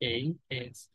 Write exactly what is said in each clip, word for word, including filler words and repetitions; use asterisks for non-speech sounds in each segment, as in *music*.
Ey, es.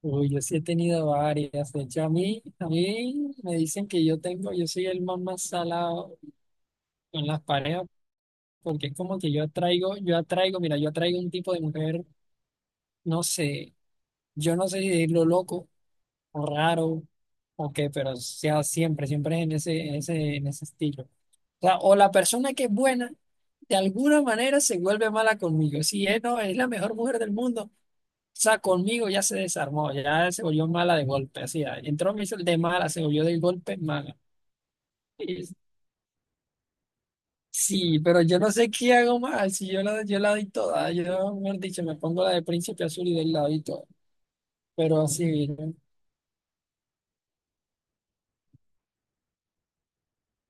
Uy, yo sí he tenido varias. De hecho, a mí, a mí me dicen que yo tengo, yo soy el más más salado con las parejas, porque es como que yo atraigo, yo atraigo, mira, yo atraigo un tipo de mujer, no sé, yo no sé si decirlo loco o raro o qué, pero o sea siempre, siempre es en ese, en ese, en ese estilo. O sea, o la persona que es buena, de alguna manera se vuelve mala conmigo. Si es, no, es la mejor mujer del mundo. O sea, conmigo ya se desarmó, ya se volvió mala de golpe, así, ah, entró me hizo el de mala, se volvió de golpe mala. Y- Sí, pero yo no sé qué hago más, si yo la, yo la doy toda, yo, mejor dicho, me pongo la de Príncipe Azul y del lado y todo. Pero así,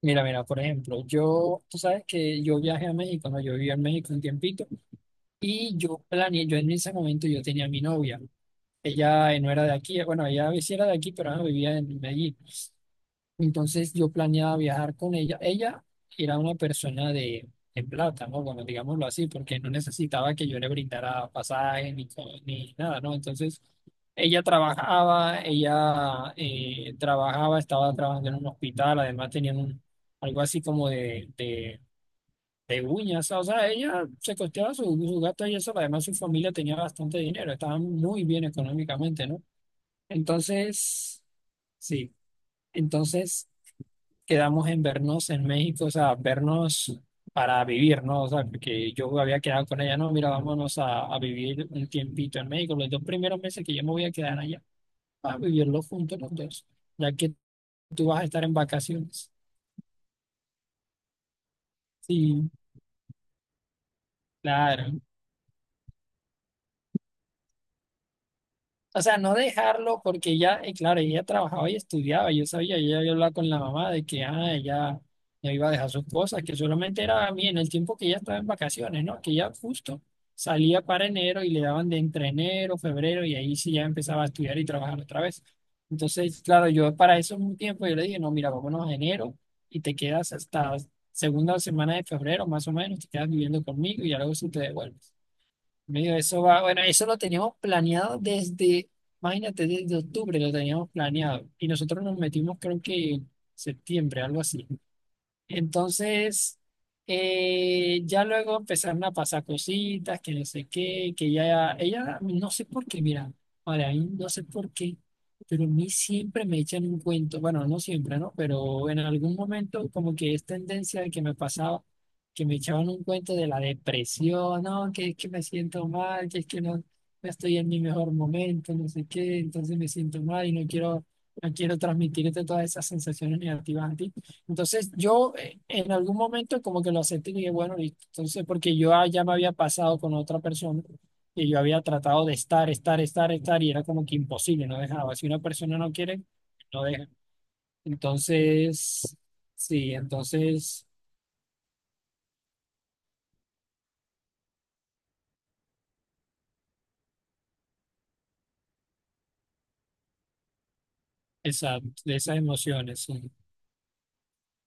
mira, mira, por ejemplo, yo, tú sabes que yo viajé a México, ¿no? Yo viví en México un tiempito y yo planeé, yo en ese momento yo tenía a mi novia, ella no era de aquí, bueno, ella sí era de aquí, pero ah, vivía en Medellín. Entonces yo planeaba viajar con ella. Ella era una persona de, de plata, ¿no? Bueno, digámoslo así, porque no necesitaba que yo le brindara pasaje ni, co- ni nada, ¿no? Entonces ella trabajaba, ella eh, trabajaba, estaba trabajando en un hospital, además tenían un, algo así como de, de, de uñas, o sea, ella se costeaba su, su gasto y eso, además su familia tenía bastante dinero, estaban muy bien económicamente, ¿no? Entonces, sí, entonces quedamos en vernos en México, o sea, vernos para vivir, ¿no? O sea, porque yo había quedado con ella, no, mira, vámonos a, a vivir un tiempito en México, los dos primeros meses que yo me voy a quedar allá, a vivirlo juntos los dos, ya que tú vas a estar en vacaciones. Sí, claro. O sea, no dejarlo porque ya, eh, claro, ella trabajaba y estudiaba, yo sabía, ella había hablado con la mamá de que ah, ella no iba a dejar sus cosas, que solamente era a mí en el tiempo que ella estaba en vacaciones, ¿no? Que ella justo salía para enero y le daban de entre enero, febrero y ahí sí ya empezaba a estudiar y trabajar otra vez. Entonces, claro, yo para eso un tiempo yo le dije, no, mira, vámonos a enero y te quedas hasta segunda semana de febrero, más o menos, te quedas viviendo conmigo y ya luego sí te devuelves. Amigo, eso va, bueno, eso lo teníamos planeado desde, imagínate, desde octubre lo teníamos planeado y nosotros nos metimos creo que en septiembre, algo así. Entonces, eh, ya luego empezaron a pasar cositas, que no sé qué, que ya ella, no sé por qué, mira, ahora ahí no sé por qué, pero a mí siempre me echan un cuento, bueno, no siempre, ¿no? Pero en algún momento como que es tendencia de que me pasaba, que me echaban un cuento de la depresión, no, que es que me siento mal, que es que no, no estoy en mi mejor momento, no sé qué, entonces me siento mal y no quiero, no quiero transmitirte todas esas sensaciones negativas a ti. Entonces yo eh, en algún momento como que lo acepté y dije, bueno, listo. Entonces, porque yo ah, ya me había pasado con otra persona y yo había tratado de estar, estar, estar, estar y era como que imposible, no dejaba. Si una persona no quiere, no deja. Entonces, sí, entonces, exacto, de esas emociones, sí.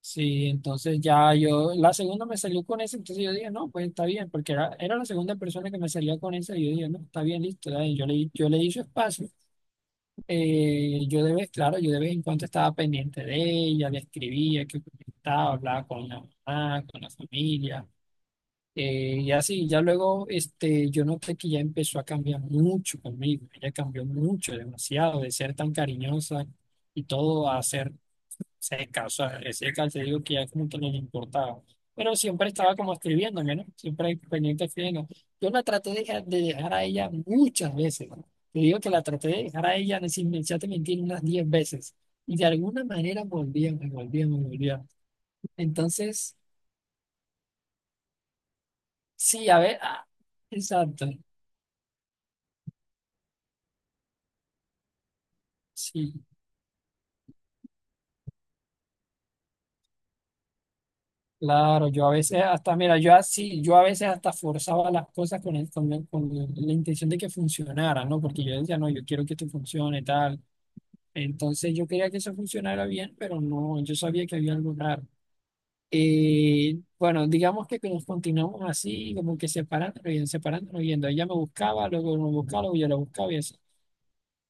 Sí, entonces ya yo, la segunda me salió con esa, entonces yo dije, no, pues está bien, porque era, era la segunda persona que me salía con esa y yo dije, no, está bien, listo, dale, yo le, yo le di su espacio. Eh, yo de vez, claro, yo de vez en cuando estaba pendiente de ella, le escribía, que estaba, hablaba con la mamá, con la familia, eh, y así, ya luego, este, yo noté que ya empezó a cambiar mucho conmigo, ella cambió mucho, demasiado, de ser tan cariñosa y todo a ser seca, o sea, seca, te digo que ya como que no le importaba. Pero siempre estaba como escribiéndome, ¿no? Siempre pendiente escribiendo. Yo la traté de dejar, de dejar a ella muchas veces, ¿no? Te digo que la traté de dejar a ella, sin me te mentir, unas diez veces. Y de alguna manera volvía, me volvía, me volvía. Entonces, sí, a ver, ah, exacto, sí. Claro, yo a veces hasta, mira, yo así, yo a veces hasta forzaba las cosas con, el- con, el- con la intención de que funcionara, ¿no? Porque yo decía, no, yo quiero que esto funcione, tal. Entonces yo quería que eso funcionara bien, pero no, yo sabía que había algo raro. Eh, bueno, digamos que que nos continuamos así, como que separándonos y separándonos, yendo. Ella me buscaba, luego me buscaba, luego yo la buscaba y así.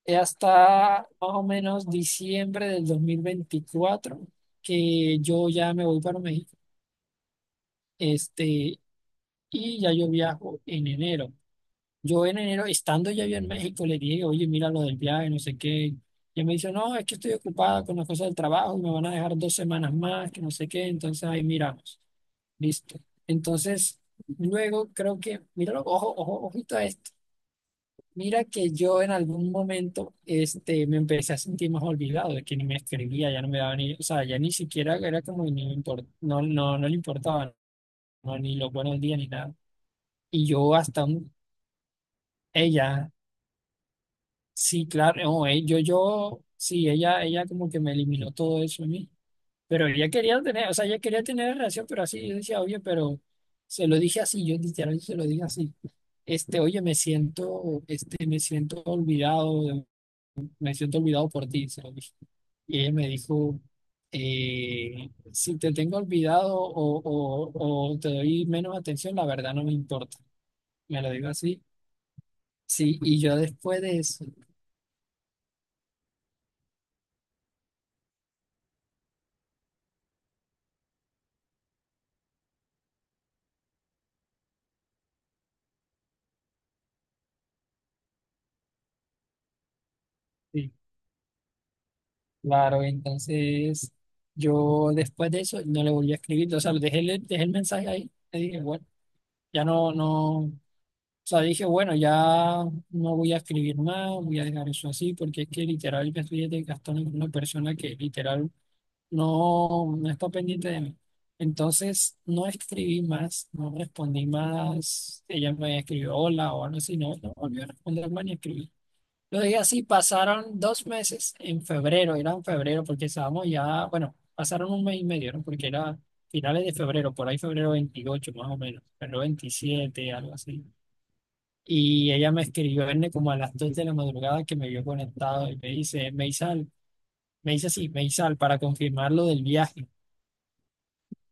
Eh, Hasta más o menos diciembre del dos mil veinticuatro que yo ya me voy para México, este, y ya yo viajo en enero. Yo en enero, estando ya yo en México, le dije, oye, mira lo del viaje, no sé qué. Y él me dice, no, es que estoy ocupada con las cosas del trabajo, me van a dejar dos semanas más, que no sé qué. Entonces ahí miramos, listo. Entonces, luego creo que, míralo, ojo, ojo, ojito a esto. Mira que yo en algún momento este, me empecé a sentir más olvidado, de que ni me escribía, ya no me daba ni, o sea, ya ni siquiera era como, ni me import- no, no, no le importaba, no, ni los buenos días ni nada. Y yo hasta un, ella. Sí, claro, no, eh, yo, yo, sí, ella, ella como que me eliminó todo eso a mí, pero ella quería tener, o sea, ella quería tener relación, pero así, yo decía, oye, pero se lo dije así, yo literal se lo dije así, este, oye, me siento, este, me siento olvidado, me siento olvidado por ti, se lo dije. Y ella me dijo, eh, si te tengo olvidado o, o, o te doy menos atención, la verdad no me importa, me lo digo así, sí, y yo después de eso. Sí, claro, entonces yo después de eso no le volví a escribir, o sea, dejé, el- dejé el mensaje ahí, le dije, bueno, ya no, no, o sea, dije, bueno, ya no voy a escribir más, voy a dejar eso así, porque es que literal me estoy desgastando con una persona que literal no, no está pendiente de mí. Entonces no escribí más, no respondí más, ella me escribió hola o algo así, no, no volvió a responderme ni escribir. Lo dije así, pasaron dos meses en febrero, era en febrero porque estábamos ya, bueno, pasaron un mes y medio, ¿no? Porque era finales de febrero, por ahí febrero veintiocho más o menos, febrero veintisiete algo así. Y ella me escribió Erne, como a las dos de la madrugada que me vio conectado y me dice, Meisal, me dice así, Meisal, para confirmar lo del viaje.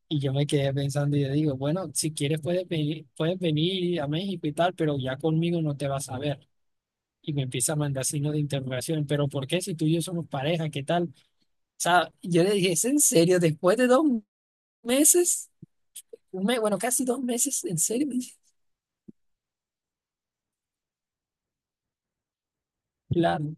Y yo me quedé pensando y le digo, bueno, si quieres puedes venir, puedes venir a México y tal, pero ya conmigo no te vas a ver. Y me empieza a mandar signos de interrogación, pero ¿por qué si tú y yo somos pareja? ¿Qué tal? O sea, yo le dije, ¿es en serio? Después de dos meses, un mes, bueno, casi dos meses, ¿en serio? Me dice, claro.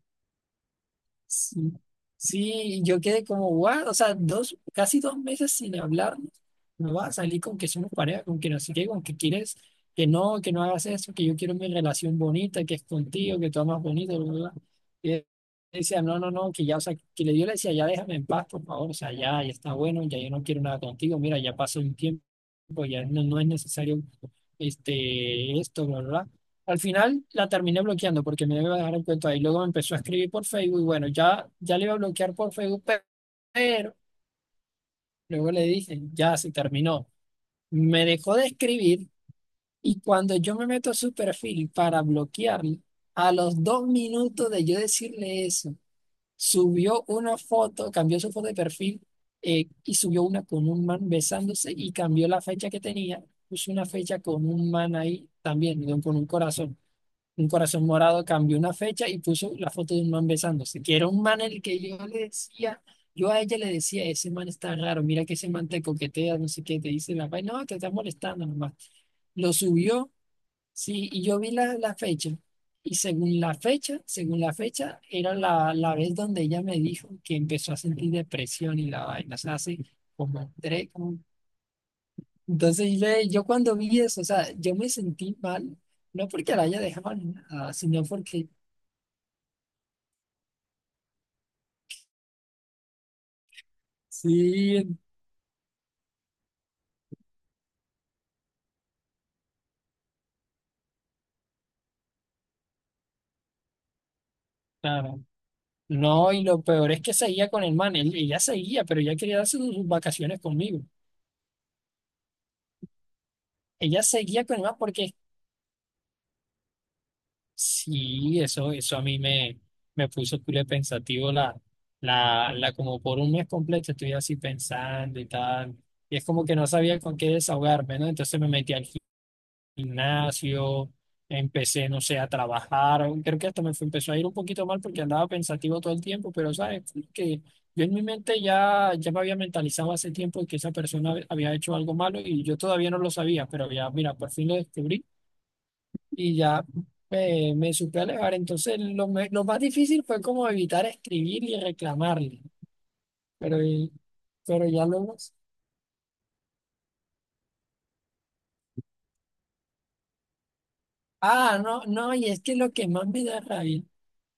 Sí, sí, yo quedé como, guau, o sea, dos, casi dos meses sin hablarnos. No va a salir con que somos pareja, con que no sé qué, con que quieres que no, que no hagas eso, que yo quiero mi relación bonita, que es contigo, que tú amas bonito, bla, bla. Bla". Y él decía, no, no, no, que ya, o sea, que le dio le decía, ya déjame en paz, por favor, o sea, ya, ya está bueno, ya yo no quiero nada contigo, mira, ya pasó un tiempo, ya no, no es necesario este, esto, bla, bla. Bla". Al final la terminé bloqueando porque me iba a dejar el cuento ahí. Luego me empezó a escribir por Facebook y bueno, ya, ya le iba a bloquear por Facebook, pe- pero luego le dije, ya se terminó. Me dejó de escribir y cuando yo me meto a su perfil para bloquearle, a los dos minutos de yo decirle eso, subió una foto, cambió su foto de perfil eh, y subió una con un man besándose y cambió la fecha que tenía, puso una fecha con un man ahí también, con un corazón un corazón morado, cambió una fecha y puso la foto de un man besándose, que era un man el que yo le decía, yo a ella le decía, ese man está raro, mira que ese man te coquetea, no sé qué, te dice la vaina, no, te está molestando nomás. Lo subió, sí, y yo vi la, la fecha, y según la fecha, según la fecha, era la, la vez donde ella me dijo que empezó a sentir depresión y la vaina, o sea, hace como tres, como- Entonces le- yo cuando vi eso, o sea, yo me sentí mal, no porque la haya dejado ni nada, sino porque. Sí, claro. No, y lo peor es que seguía con el man. Él- ella seguía, pero ella quería darse sus, sus vacaciones conmigo. Ella seguía con el man porque sí, eso, eso a mí me, me, puso culé pensativo la, la, la, como por un mes completo estuve así pensando y tal. Y es como que no sabía con qué desahogarme, ¿no? Entonces me metí al gimnasio, empecé, no sé, a trabajar, creo que hasta me fue- empezó a ir un poquito mal porque andaba pensativo todo el tiempo, pero sabes, fue que yo en mi mente ya, ya me había mentalizado hace tiempo que esa persona había hecho algo malo y yo todavía no lo sabía, pero ya, mira, por fin lo descubrí y ya me, me supe alejar, entonces lo, me- lo más difícil fue como evitar escribir y reclamarle, pero, pero ya luego... Ah, no, no, y es que lo que más me da rabia.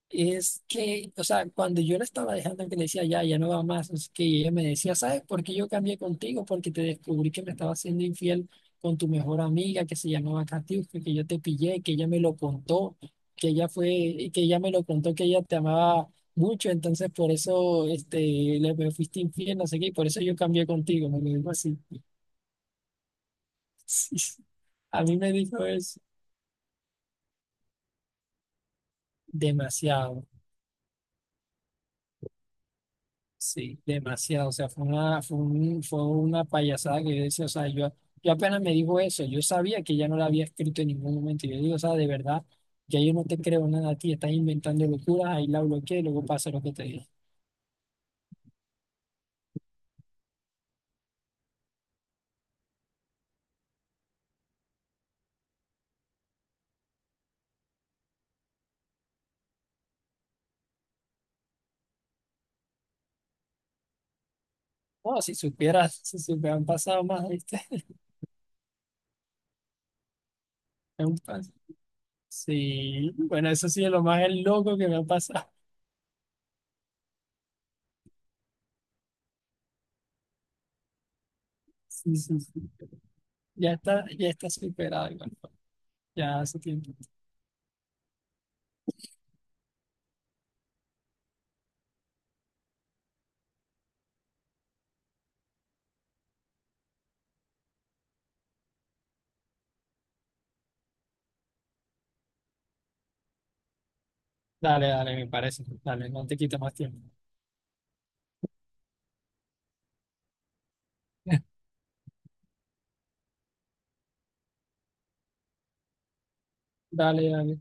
Es que, o sea, cuando yo la estaba dejando, que le decía, ya, ya no va más, es que ella me decía, ¿sabes por qué yo cambié contigo? Porque te descubrí que me estaba siendo infiel con tu mejor amiga que se llamaba Katiuska, que yo te pillé, que ella me lo contó, que ella fue, que ella me lo contó, que ella te amaba mucho, entonces por eso, este, le me fuiste infiel, no sé qué, y por eso yo cambié contigo, me lo dijo así. *laughs* Sí, a mí me dijo eso demasiado. Sí, demasiado. O sea, fue una, fue un- fue una payasada que yo decía, o sea, yo, yo apenas me dijo eso, yo sabía que ya no la había escrito en ningún momento. Yo digo, o sea, de verdad, ya yo no te creo nada a ti, estás inventando locuras, ahí la bloqueé y luego pasa lo que te dije. Oh, si supieras, *laughs* si supieras, han pasado más, ¿viste? *laughs* Han pas- Sí, bueno, eso sí es lo más loco que me ha pasado. *laughs* Sí, sí, sí. Ya está, ya está superado, igual. Ya hace tiempo. Dale, dale, me parece. Dale, no te quita más tiempo. Dale, dale.